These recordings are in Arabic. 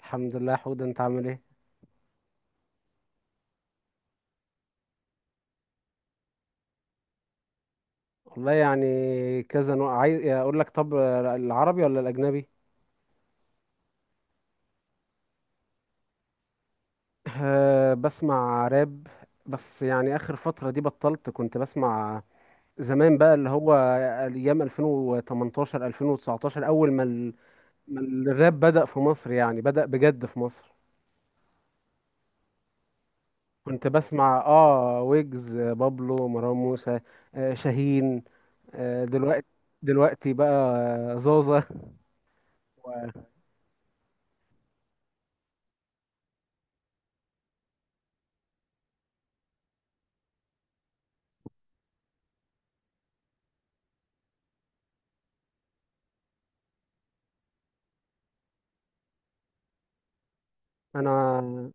الحمد لله يا حود، انت عامل ايه؟ والله يعني كذا نوع، عايز اقول لك طب العربي ولا الاجنبي؟ أه، بسمع راب. بس يعني اخر فترة دي بطلت، كنت بسمع زمان بقى اللي هو ايام 2018 2019 اول ما ما الراب بدأ في مصر، يعني بدأ بجد في مصر. كنت بسمع ويجز، بابلو، مروان موسى، شاهين، دلوقتي، دلوقتي بقى، زوزة. انا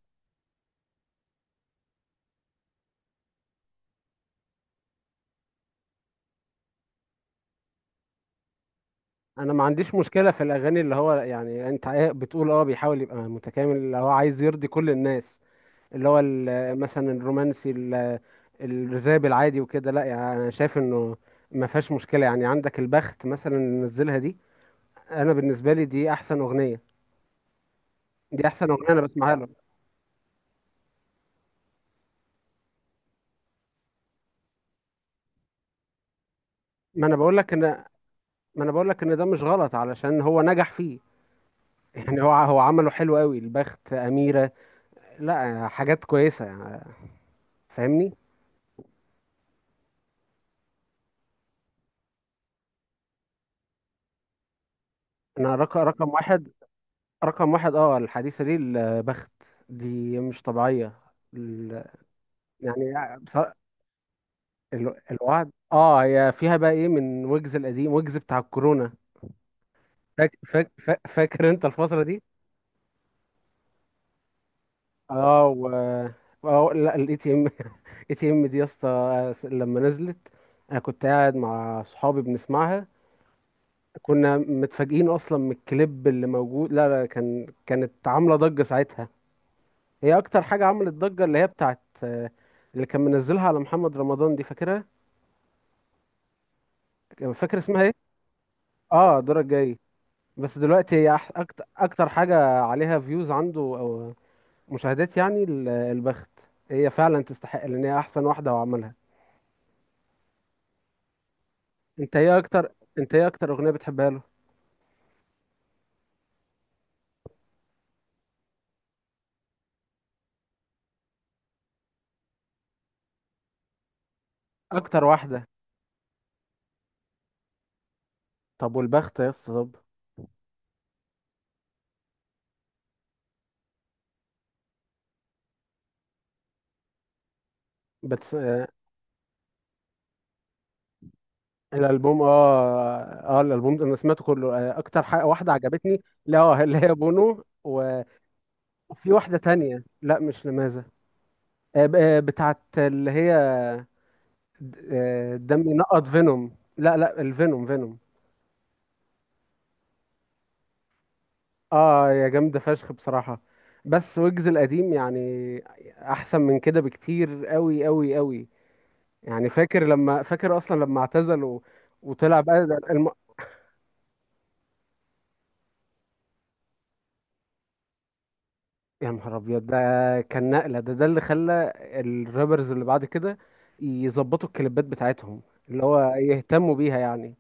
انا ما عنديش مشكله في الاغاني اللي هو يعني انت إيه بتقول، بيحاول يبقى متكامل اللي هو عايز يرضي كل الناس، اللي هو مثلا الرومانسي، الراب العادي وكده. لا يعني انا شايف انه ما فيهاش مشكله، يعني عندك البخت مثلا اللي نزلها دي. انا بالنسبه لي دي احسن اغنيه، دي احسن اغنيه انا بسمعها له. ما انا بقول لك ان ما انا بقول لك ان ده مش غلط علشان هو نجح فيه. يعني هو عمله حلو قوي، البخت، اميره. لا، حاجات كويسه يعني، فاهمني. انا رقم واحد، رقم واحد الحديثة دي البخت، دي مش طبيعية، ال... يعني بصراحة الوعد، هي فيها بقى ايه من ويجز القديم، ويجز بتاع الكورونا. فاكر انت الفترة دي؟ اه و اه لا، الاي تي ام دي يا اسطى لما نزلت، انا كنت قاعد مع صحابي بنسمعها. كنا متفاجئين اصلا من الكليب اللي موجود. لا لا، كانت عاملة ضجة ساعتها. هي اكتر حاجه عملت ضجه اللي هي بتاعت، اللي كان منزلها على محمد رمضان، دي فاكرها؟ فاكر اسمها ايه؟ اه دورك جاي. بس دلوقتي هي اكتر حاجه عليها فيوز عنده او مشاهدات، يعني البخت، هي فعلا تستحق لان هي احسن واحده وعملها. انت ايه اكتر اغنيه بتحبها له؟ اكتر واحده؟ طب والبخت يا اسطى، طب. بتس... آه، الالبوم، اه الالبوم ده انا سمعته كله، اكتر حاجه واحده عجبتني، لا اللي هي بونو و... وفي واحده تانية، لا مش لماذا. بتاعت اللي هي دم ينقط فينوم، لا لا، الفينوم، فينوم. اه، يا جامدة فشخ بصراحة. بس ويجز القديم يعني احسن من كده بكتير، قوي قوي قوي. يعني فاكر اصلا لما اعتزل و... وطلع بقى ده يا نهار ابيض ده! كان نقلة، ده اللي خلى الرابرز اللي بعد كده يظبطوا الكليبات بتاعتهم، اللي هو يهتموا بيها يعني.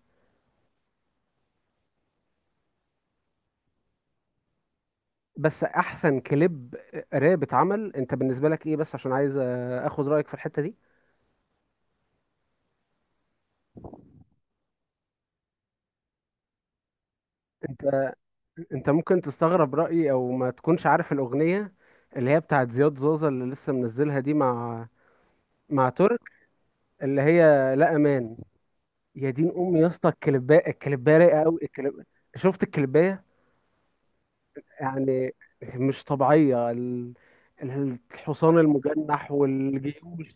بس احسن كليب راب اتعمل، انت بالنسبه لك ايه؟ بس عشان عايز اخد رايك في الحته دي. انت انت ممكن تستغرب رايي، او ما تكونش عارف الاغنيه اللي هي بتاعت زياد زوزة اللي لسه منزلها دي، مع مع ترك، اللي هي لا امان. يا دين امي يا اسطى، الكليبايه رايقه قوي. شفت الكليبايه؟ يعني مش طبيعيه الحصان المجنح والجيوش.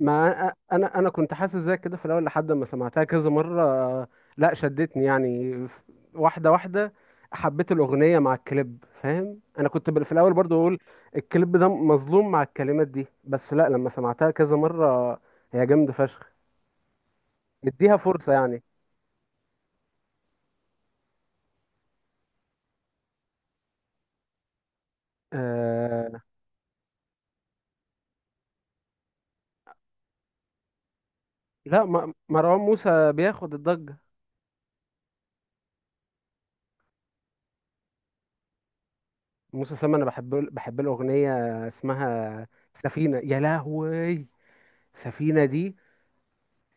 ما انا كنت حاسس زي كده في الاول لحد ما سمعتها كذا مره، لا شدتني يعني واحده واحده حبيت الاغنيه مع الكليب، فاهم؟ انا كنت في الاول برضو اقول الكليب ده مظلوم مع الكلمات دي، بس لا لما سمعتها كذا مره هي جامده فشخ. اديها فرصه يعني. آه لا مروان موسى بياخد الضجه. موسى سام انا بحب الاغنيه اسمها، سفينه يا لهوي! سفينه دي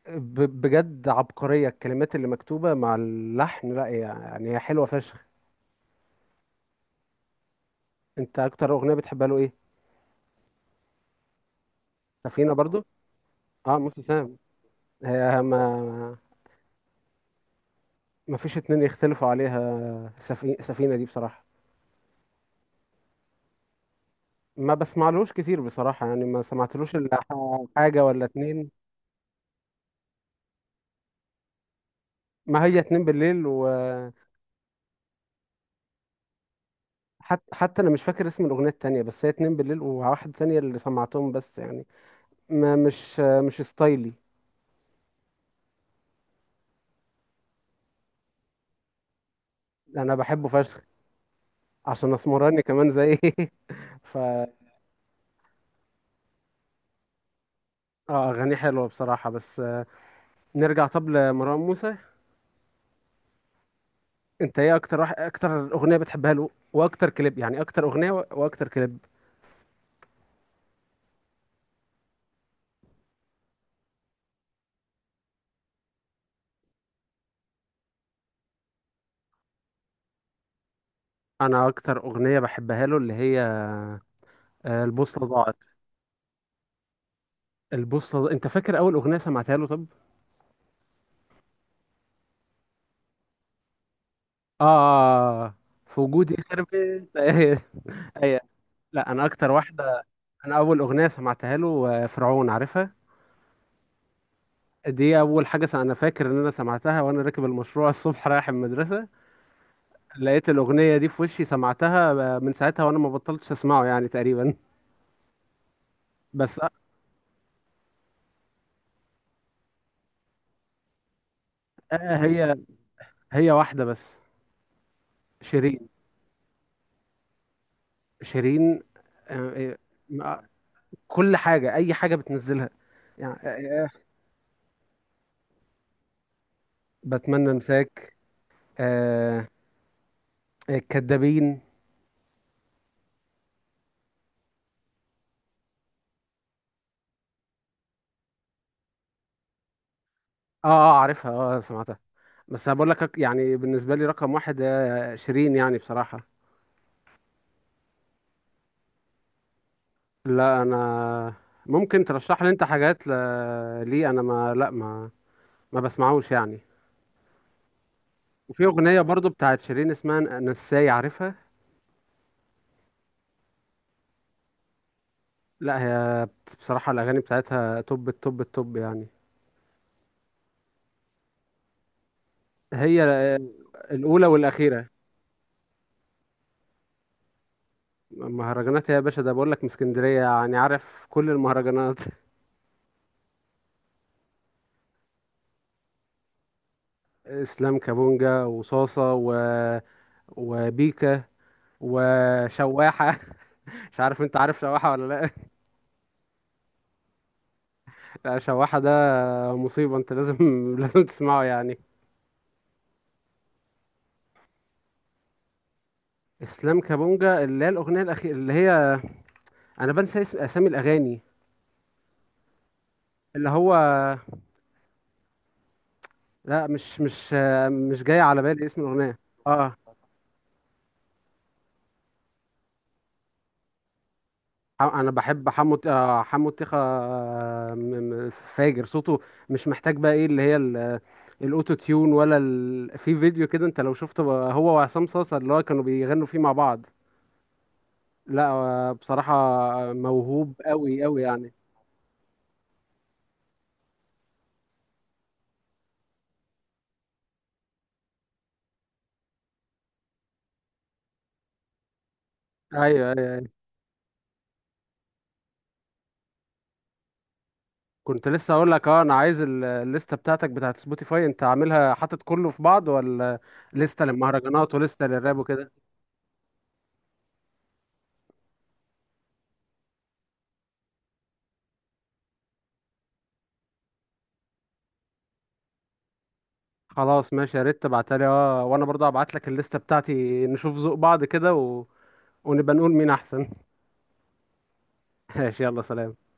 بجد عبقرية، الكلمات اللي مكتوبة مع اللحن، لا يعني هي حلوة فشخ. انت اكتر اغنية بتحبها له ايه؟ سفينة برضو. اه موسى سام، هي ما ما فيش اتنين يختلفوا عليها، سفينة دي بصراحة. ما بسمعلوش كتير بصراحة، يعني ما سمعتلوش الا حاجة ولا اتنين. ما هي اتنين بالليل و... حتى انا مش فاكر اسم الاغنية التانية، بس هي اتنين بالليل وواحدة تانية اللي سمعتهم، بس يعني ما مش ستايلي. انا بحبه فشخ عشان اسمراني كمان زي ف اه اغانيه حلوه بصراحه، بس نرجع طب لمروان موسى. انت ايه اكتر اغنيه بتحبها له، واكتر كليب؟ يعني اكتر اغنيه واكتر كليب. انا اكتر اغنيه بحبها له اللي هي البوصله ضاعت. البوصله ضاعت. انت فاكر اول اغنيه سمعتها له طب؟ اه في وجودي خرب انت ايه؟ ايه؟ لا انا اكتر واحده، انا اول اغنيه سمعتها له فرعون، عارفها؟ دي اول حاجه انا فاكر ان انا سمعتها وانا راكب المشروع الصبح رايح المدرسه، لقيت الأغنية دي في وشي، سمعتها، من ساعتها وأنا ما بطلتش أسمعه يعني تقريبا. بس أ- أ- هي هي واحدة بس، شيرين. شيرين آه، آه، كل حاجة، أي حاجة بتنزلها. يعني بتمنى أنساك، آه، الكدابين. عارفها، آه سمعتها، بس أنا بقول لك يعني بالنسبة لي رقم واحد شيرين يعني بصراحة. لا أنا، ممكن ترشح لي أنت حاجات لي أنا؟ ما لا ما ما بسمعوش يعني. وفي أغنية برضو بتاعت شيرين اسمها نساي، عارفها؟ لا هي بصراحة الأغاني بتاعتها توب التوب التوب يعني. هي الأولى والأخيرة. مهرجانات يا باشا؟ ده بقول لك من اسكندرية، يعني عارف كل المهرجانات. اسلام كابونجا، وصاصة و... وبيكا، وشواحة. مش عارف انت عارف شواحة ولا لا؟ لا، شواحة ده مصيبة، انت لازم لازم تسمعه يعني. اسلام كابونجا اللي هي الأغنية الأخيرة اللي هي، انا بنسى اسامي الأغاني، اللي هو، لا مش مش جاي على بالي اسم الأغنية. اه انا بحب حمو الطيخة، فاجر صوته، مش محتاج بقى ايه اللي هي الاوتو تيون ولا في فيديو كده انت لو شفته بقى هو وعصام صاصا اللي هو كانوا بيغنوا فيه مع بعض، لا بصراحة موهوب قوي قوي يعني. ايوه ايوه أيوة. كنت لسه اقول لك، انا عايز الليسته بتاعتك بتاعت سبوتيفاي، انت عاملها حاطط كله في بعض ولا لسته للمهرجانات ولسته للراب وكده؟ خلاص ماشي، يا ريت تبعتها لي، اه، وانا برضه هبعت لك الليسته بتاعتي، نشوف ذوق بعض كده و... ونبقى نقول مين احسن. ماشي، يلا سلام.